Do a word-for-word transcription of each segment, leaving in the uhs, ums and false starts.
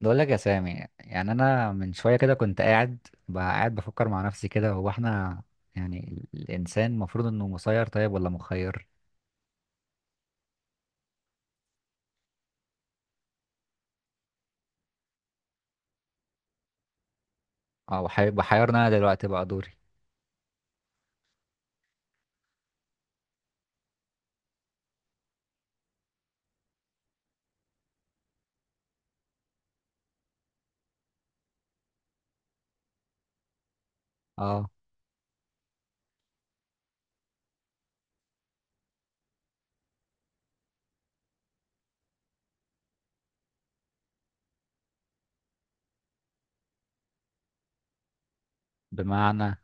بقول لك يا سامي، يعني انا من شويه كده كنت قاعد بقى قاعد بفكر مع نفسي كده. هو احنا يعني ال- الانسان المفروض انه مسير طيب ولا مخير؟ اه وحي- وحيرنا. انا دلوقتي بقى دوري. اه، بمعنى؟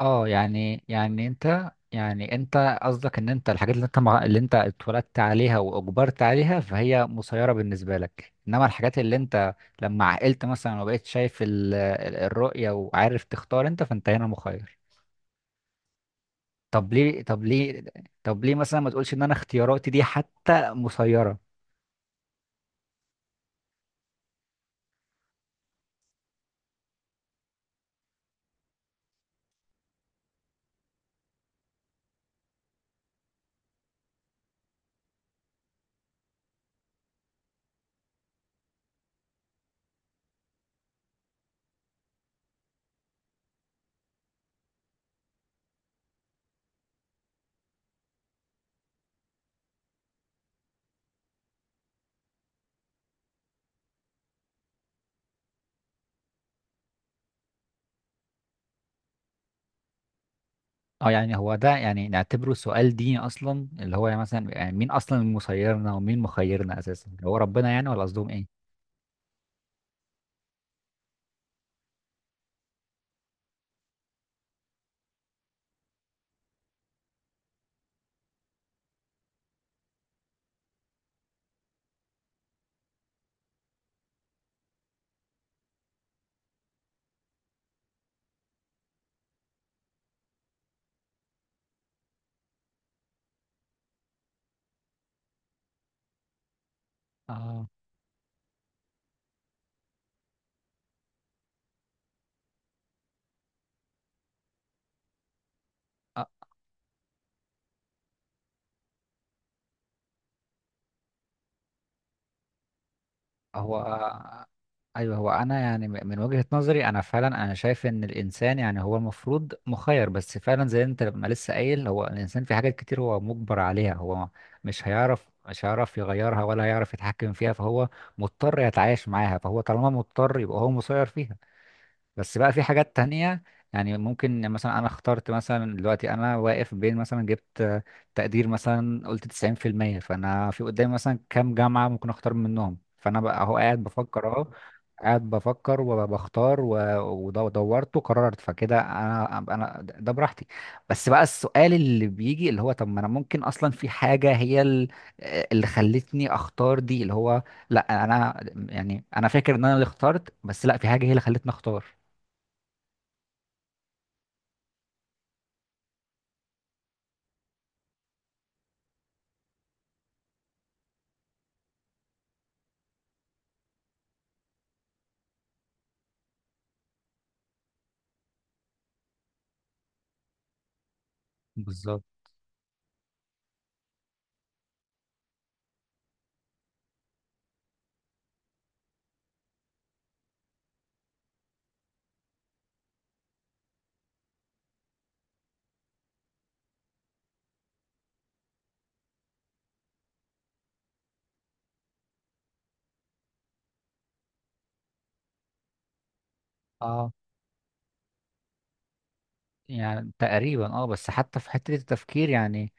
اه، يعني يعني انت يعني انت قصدك ان انت الحاجات اللي انت مع- اللي انت اتولدت عليها واجبرت عليها فهي مسيره بالنسبه لك، انما الحاجات اللي انت لما عقلت مثلا وبقيت شايف ال- ال- الرؤيه وعارف تختار انت فانت هنا مخير. طب ليه طب ليه طب ليه مثلا ما تقولش ان انا اختياراتي دي حتى مسيرة؟ اه، يعني هو ده يعني نعتبره سؤال ديني اصلا؟ اللي هو يعني مثلا يعني مين اصلا مسيرنا ومين مخيرنا؟ اساسا هو ربنا يعني، ولا قصدهم ايه؟ اه. هو ايوه، هو انا يعني م- من وجهة نظري انا فعلا انا شايف ان الانسان يعني هو المفروض مخير، بس فعلا زي انت لما لسه قايل، هو الانسان في حاجات كتير هو مجبر عليها. هو مش هيعرف مش هيعرف يغيرها ولا هيعرف يتحكم فيها، فهو مضطر يتعايش معاها. فهو طالما مضطر يبقى هو مسير فيها. بس بقى في حاجات تانية، يعني ممكن مثلا انا اخترت مثلا دلوقتي، انا واقف بين مثلا جبت آه، تقدير مثلا، قلت تسعين في المية، فانا في قدامي مثلا كام جامعة ممكن اختار منهم، فانا بقى اهو قاعد بفكر، اهو قاعد بفكر وبختار و- وده- ودورت وقررت. فكده انا انا ده براحتي. بس بقى السؤال اللي بيجي اللي هو، طب ما انا ممكن اصلا في حاجة هي ال- اللي خلتني اختار دي. اللي هو لا، انا يعني انا فاكر ان انا اللي اخترت، بس لا، في حاجة هي اللي خلتني اختار. بالظبط. اه، يعني تقريبا، اه، بس حتى في حتة التفكير يعني،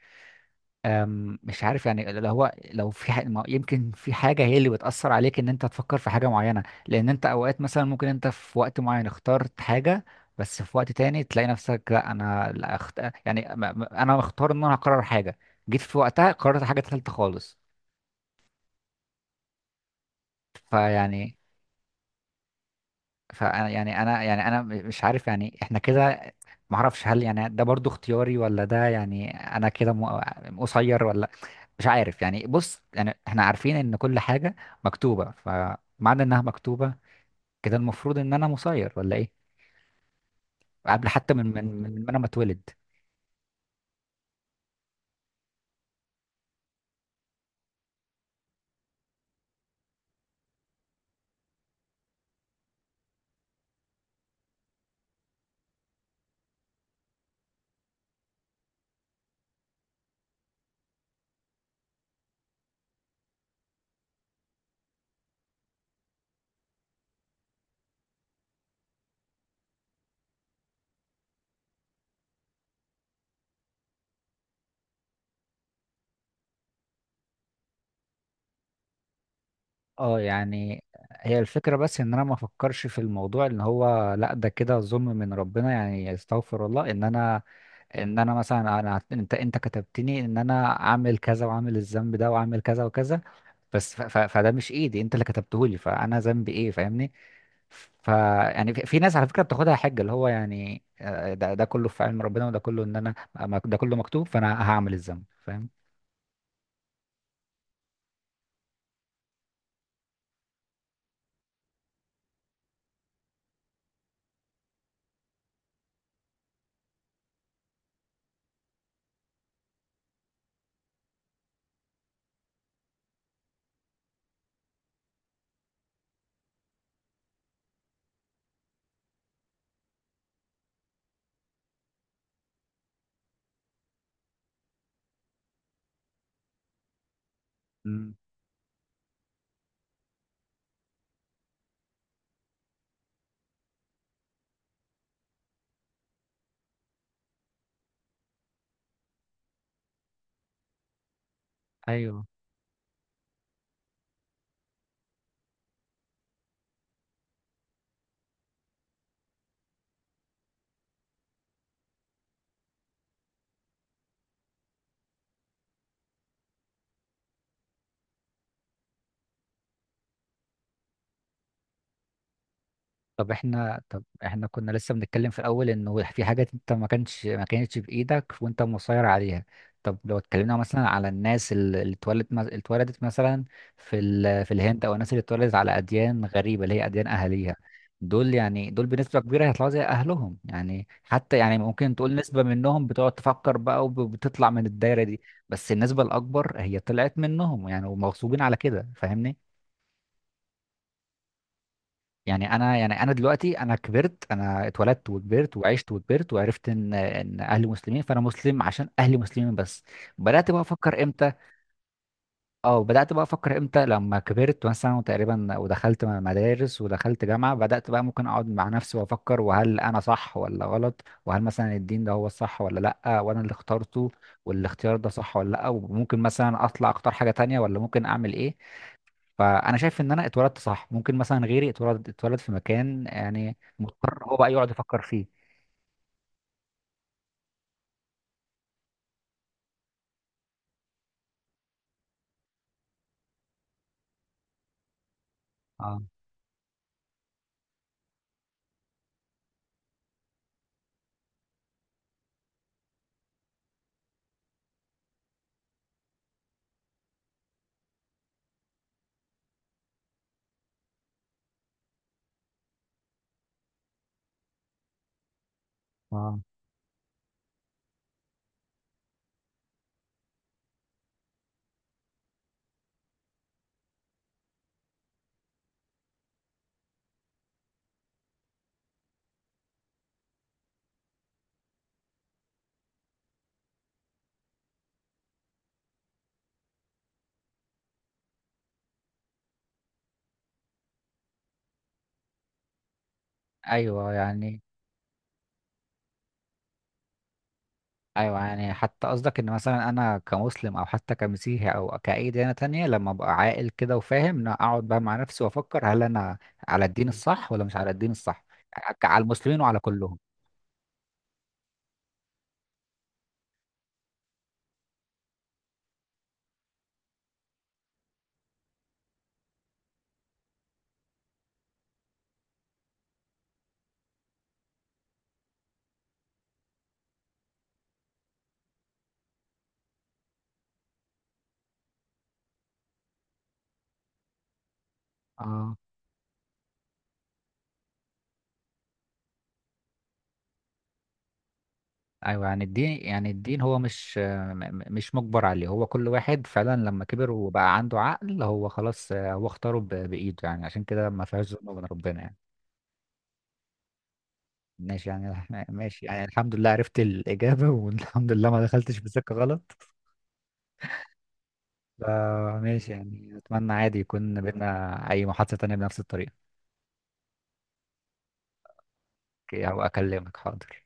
أم، مش عارف، يعني اللي هو لو في ح... ما- يمكن في حاجة هي اللي بتأثر عليك ان انت تفكر في حاجة معينة، لان انت اوقات مثلا ممكن انت في وقت معين اخترت حاجة، بس في وقت تاني تلاقي نفسك لا، انا لا أخت... يعني م- م- انا مختار ان انا هقرر حاجة، جيت في وقتها قررت حاجة تالتة خالص. فيعني فانا يعني، انا يعني انا مش عارف يعني. احنا كده ما اعرفش، هل يعني ده برضو اختياري، ولا ده يعني انا كده م- قصير؟ ولا مش عارف يعني. بص، يعني احنا عارفين ان كل حاجة مكتوبة، فمعنى انها مكتوبة كده المفروض ان انا مسير، ولا ايه؟ قبل حتى من من من ما انا ما اتولد. اه، يعني هي الفكرة بس، ان انا ما افكرش في الموضوع ان هو لا ده كده ظلم من ربنا يعني، استغفر الله. ان انا، ان انا مثلا، انا عت- انت انت كتبتني ان انا اعمل كذا، واعمل الذنب ده، واعمل كذا وكذا، بس ف... ف... فده مش ايدي، انت اللي كتبته لي، فانا ذنبي ايه؟ فاهمني. ف يعني في في ناس على فكره بتاخدها حجه، اللي هو يعني آه، ده ده كله في علم ربنا، وده كله ان انا ما- ده كله مكتوب، فانا هعمل الذنب. فاهم؟ مم. ايوه. طب احنا طب احنا كنا لسه بنتكلم في الاول انه في حاجات انت ما كانش ما كانتش بايدك وانت مسيطر عليها. طب لو اتكلمنا مثلا على الناس ال- اللي اتولدت اللي اتولدت مثلا في ال... في الهند، او الناس اللي اتولدت على اديان غريبه اللي هي اديان اهاليها. دول يعني دول بنسبه كبيره هيطلعوا زي اهلهم يعني، حتى يعني ممكن تقول نسبه منهم بتقعد تفكر بقى وبتطلع من الدايره دي، بس النسبه الاكبر هي طلعت منهم يعني، ومغصوبين على كده. فاهمني؟ يعني انا، يعني انا دلوقتي، انا كبرت، انا اتولدت وكبرت وعشت وكبرت، وعرفت ان ان اهلي مسلمين، فانا مسلم عشان اهلي مسلمين بس. بدات بقى افكر امتى؟ اه، بدات بقى افكر امتى لما كبرت مثلا، وتقريبا ودخلت مدارس ودخلت جامعه، بدات بقى ممكن اقعد مع نفسي وافكر، وهل انا صح ولا غلط، وهل مثلا الدين ده هو الصح ولا لا، وانا اللي اخترته والاختيار ده صح ولا لا، وممكن مثلا اطلع اختار حاجه تانية، ولا ممكن اعمل ايه. فانا شايف ان انا اتولدت صح، ممكن مثلا غيري اتولد اتولد في مكان يعني مضطر هو بقى يقعد يفكر فيه. اه. اه، ايوه يعني. ايوه يعني، حتى قصدك ان مثلا انا كمسلم، او حتى كمسيحي، او كاي ديانه تانية، لما ابقى عاقل كده وفاهم، ان أنا اقعد بقى مع نفسي وافكر، هل انا على الدين الصح ولا مش على الدين الصح؟ على المسلمين وعلى كلهم. اه، ايوه يعني الدين، يعني الدين هو مش م- م- مش مجبر عليه، هو كل واحد فعلا لما كبر وبقى عنده عقل هو خلاص آه، هو اختاره ب- بايده يعني. عشان كده ما فيهاش ظلم من ربنا يعني. ماشي، يعني الح- ماشي يعني، الحمد لله عرفت الاجابه والحمد لله ما دخلتش في سكه غلط. فماشي يعني، اتمنى عادي يكون بينا اي محادثه تانية بنفس الطريقه. اوكي، هبقى اكلمك. حاضر.